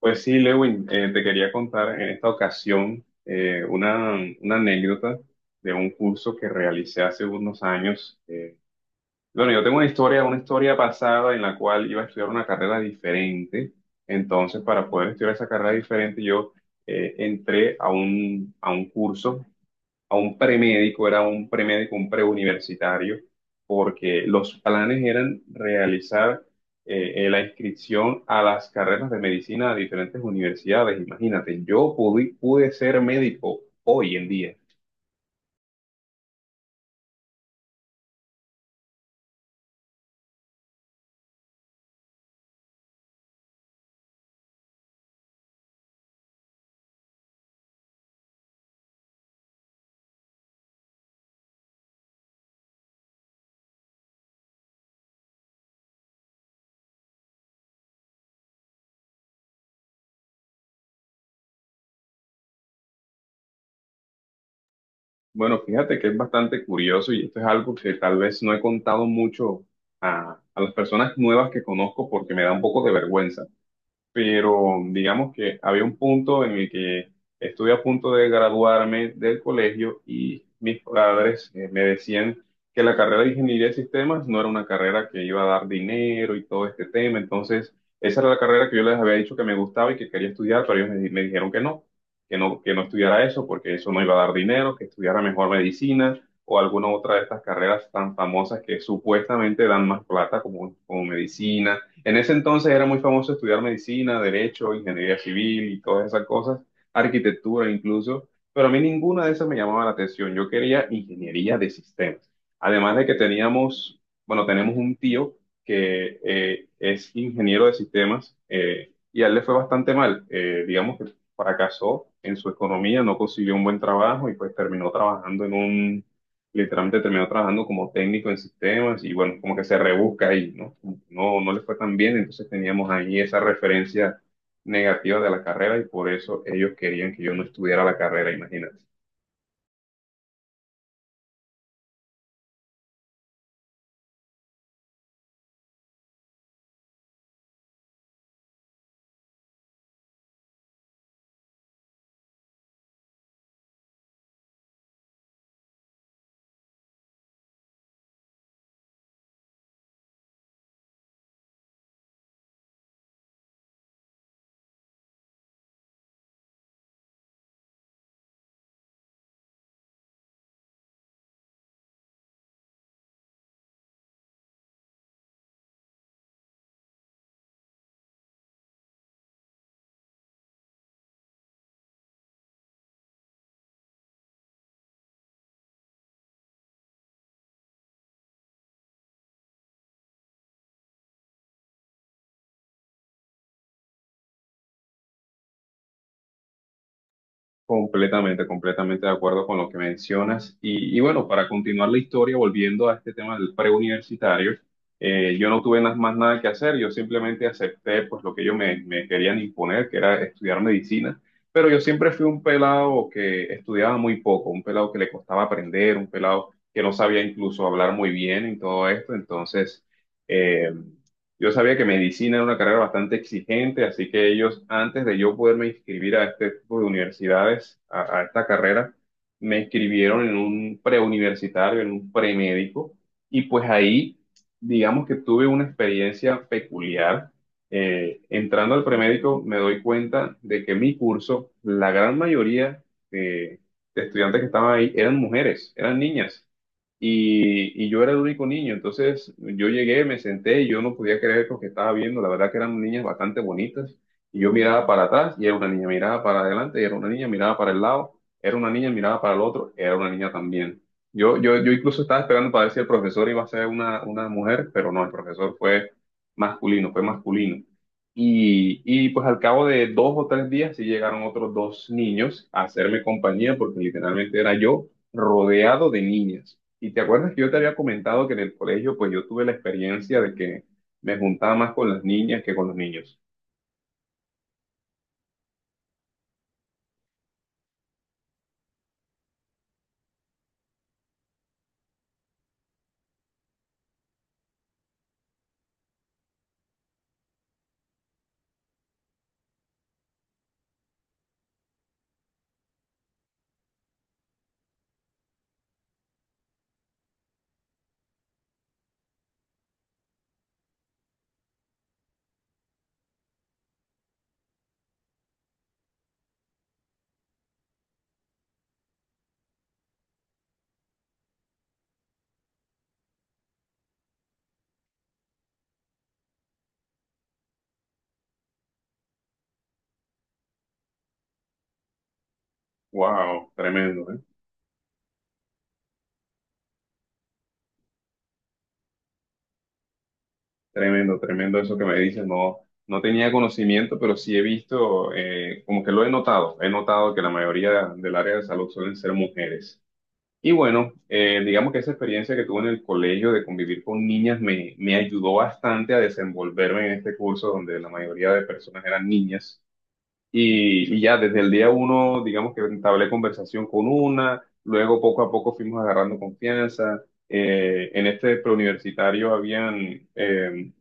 Pues sí, Lewin, te quería contar en esta ocasión una anécdota de un curso que realicé hace unos años. Bueno, yo tengo una historia pasada en la cual iba a estudiar una carrera diferente. Entonces, para poder estudiar esa carrera diferente, yo entré a un curso, a un premédico, era un premédico, un preuniversitario, porque los planes eran realizar la inscripción a las carreras de medicina de diferentes universidades. Imagínate, yo pude ser médico hoy en día. Bueno, fíjate que es bastante curioso y esto es algo que tal vez no he contado mucho a las personas nuevas que conozco porque me da un poco de vergüenza. Pero digamos que había un punto en el que estuve a punto de graduarme del colegio y mis padres me decían que la carrera de ingeniería de sistemas no era una carrera que iba a dar dinero y todo este tema. Entonces, esa era la carrera que yo les había dicho que me gustaba y que quería estudiar, pero ellos me, me dijeron que no, que no, que no estudiara eso porque eso no iba a dar dinero, que estudiara mejor medicina o alguna otra de estas carreras tan famosas que supuestamente dan más plata como, como medicina. En ese entonces era muy famoso estudiar medicina, derecho, ingeniería civil y todas esas cosas, arquitectura incluso, pero a mí ninguna de esas me llamaba la atención. Yo quería ingeniería de sistemas. Además de que teníamos, bueno, tenemos un tío que es ingeniero de sistemas y a él le fue bastante mal. Digamos que fracasó en su economía, no consiguió un buen trabajo y pues terminó trabajando en un, literalmente terminó trabajando como técnico en sistemas y bueno, como que se rebusca ahí, ¿no? Como que no, no le fue tan bien, entonces teníamos ahí esa referencia negativa de la carrera y por eso ellos querían que yo no estudiara la carrera, imagínate. Completamente, completamente de acuerdo con lo que mencionas. Y bueno, para continuar la historia, volviendo a este tema del preuniversitario, yo no tuve más nada que hacer, yo simplemente acepté pues lo que ellos me, me querían imponer, que era estudiar medicina, pero yo siempre fui un pelado que estudiaba muy poco, un pelado que le costaba aprender, un pelado que no sabía incluso hablar muy bien y todo esto. Entonces, eh, yo sabía que medicina era una carrera bastante exigente, así que ellos, antes de yo poderme inscribir a este tipo de universidades, a esta carrera, me inscribieron en un preuniversitario, en un premédico, y pues ahí, digamos que tuve una experiencia peculiar. Entrando al premédico, me doy cuenta de que mi curso, la gran mayoría eh, de estudiantes que estaban ahí eran mujeres, eran niñas. Y yo era el único niño. Entonces yo llegué, me senté y yo no podía creer lo que estaba viendo. La verdad que eran niñas bastante bonitas. Y yo miraba para atrás y era una niña, miraba para adelante y era una niña, miraba para el lado, era una niña, miraba para el otro, era una niña también. Yo incluso estaba esperando para ver si el profesor iba a ser una mujer, pero no, el profesor fue masculino, fue masculino. Y pues al cabo de dos o tres días sí llegaron otros dos niños a hacerme compañía porque literalmente era yo rodeado de niñas. Y te acuerdas que yo te había comentado que en el colegio, pues yo tuve la experiencia de que me juntaba más con las niñas que con los niños. Wow, tremendo, ¿eh? Tremendo, tremendo eso que me dices. No, no tenía conocimiento, pero sí he visto, como que lo he notado. He notado que la mayoría del área de salud suelen ser mujeres. Y bueno, digamos que esa experiencia que tuve en el colegio de convivir con niñas me, me ayudó bastante a desenvolverme en este curso donde la mayoría de personas eran niñas. Y ya desde el día uno, digamos que entablé conversación con una, luego poco a poco fuimos agarrando confianza. En este preuniversitario habían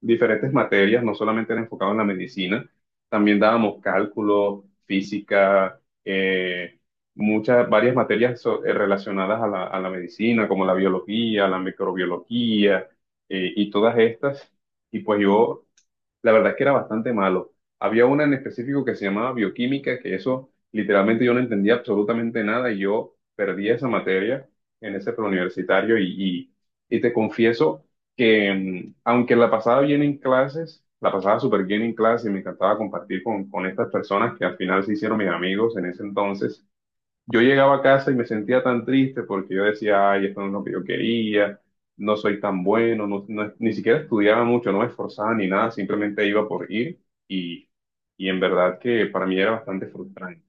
diferentes materias, no solamente era enfocado en la medicina, también dábamos cálculo, física, muchas, varias materias relacionadas a la medicina, como la biología, la microbiología, y todas estas. Y pues yo la verdad es que era bastante malo. Había una en específico que se llamaba bioquímica, que eso literalmente yo no entendía absolutamente nada y yo perdí esa materia en ese preuniversitario y, y te confieso que aunque la pasaba bien en clases, la pasaba súper bien en clases y me encantaba compartir con estas personas que al final se hicieron mis amigos en ese entonces, yo llegaba a casa y me sentía tan triste porque yo decía, ay, esto no es lo que yo quería, no soy tan bueno, no, ni siquiera estudiaba mucho, no me esforzaba ni nada, simplemente iba por ir y, y en verdad que para mí era bastante frustrante.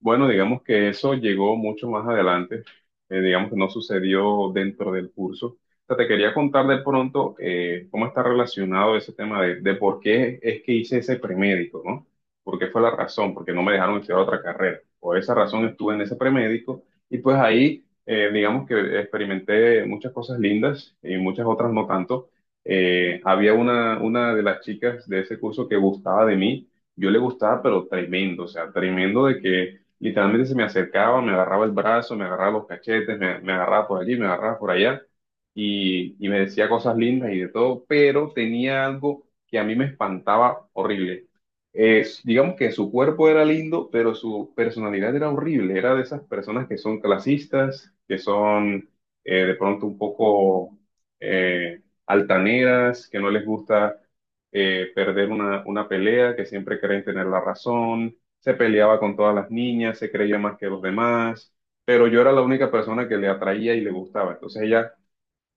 Bueno, digamos que eso llegó mucho más adelante. Digamos que no sucedió dentro del curso. O sea, te quería contar de pronto cómo está relacionado ese tema de por qué es que hice ese premédico, ¿no? ¿Por qué fue la razón? Porque no me dejaron estudiar otra carrera. Por esa razón estuve en ese premédico y pues ahí, digamos que experimenté muchas cosas lindas y muchas otras no tanto. Había una de las chicas de ese curso que gustaba de mí, yo le gustaba, pero tremendo, o sea, tremendo de que literalmente se me acercaba, me agarraba el brazo, me agarraba los cachetes, me agarraba por allí, me agarraba por allá y me decía cosas lindas y de todo, pero tenía algo que a mí me espantaba horrible. Digamos que su cuerpo era lindo, pero su personalidad era horrible. Era de esas personas que son clasistas, que son de pronto un poco altaneras, que no les gusta perder una pelea, que siempre creen tener la razón, se peleaba con todas las niñas, se creía más que los demás, pero yo era la única persona que le atraía y le gustaba. Entonces ella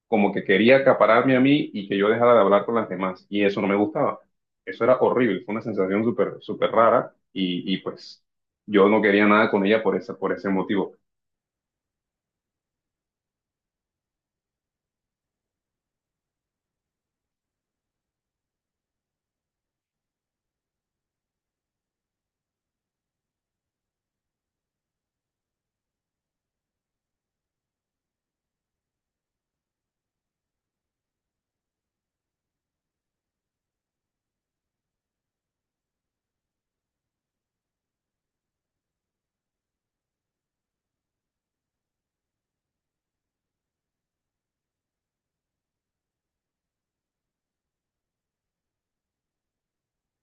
como que quería acapararme a mí y que yo dejara de hablar con las demás, y eso no me gustaba. Eso era horrible, fue una sensación súper, súper rara, y pues yo no quería nada con ella por esa, por ese motivo.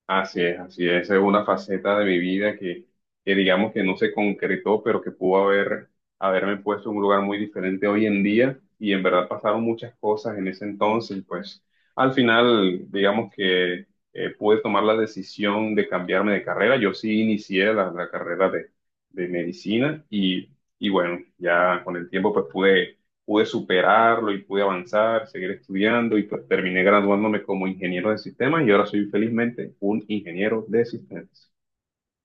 Así es, así es. Esa es una faceta de mi vida que digamos que no se concretó, pero que pudo haber, haberme puesto en un lugar muy diferente hoy en día. Y en verdad pasaron muchas cosas en ese entonces. Y pues al final, digamos que pude tomar la decisión de cambiarme de carrera. Yo sí inicié la, la carrera de medicina y bueno, ya con el tiempo pues pude superarlo y pude avanzar, seguir estudiando y pues terminé graduándome como ingeniero de sistemas y ahora soy felizmente un ingeniero de sistemas.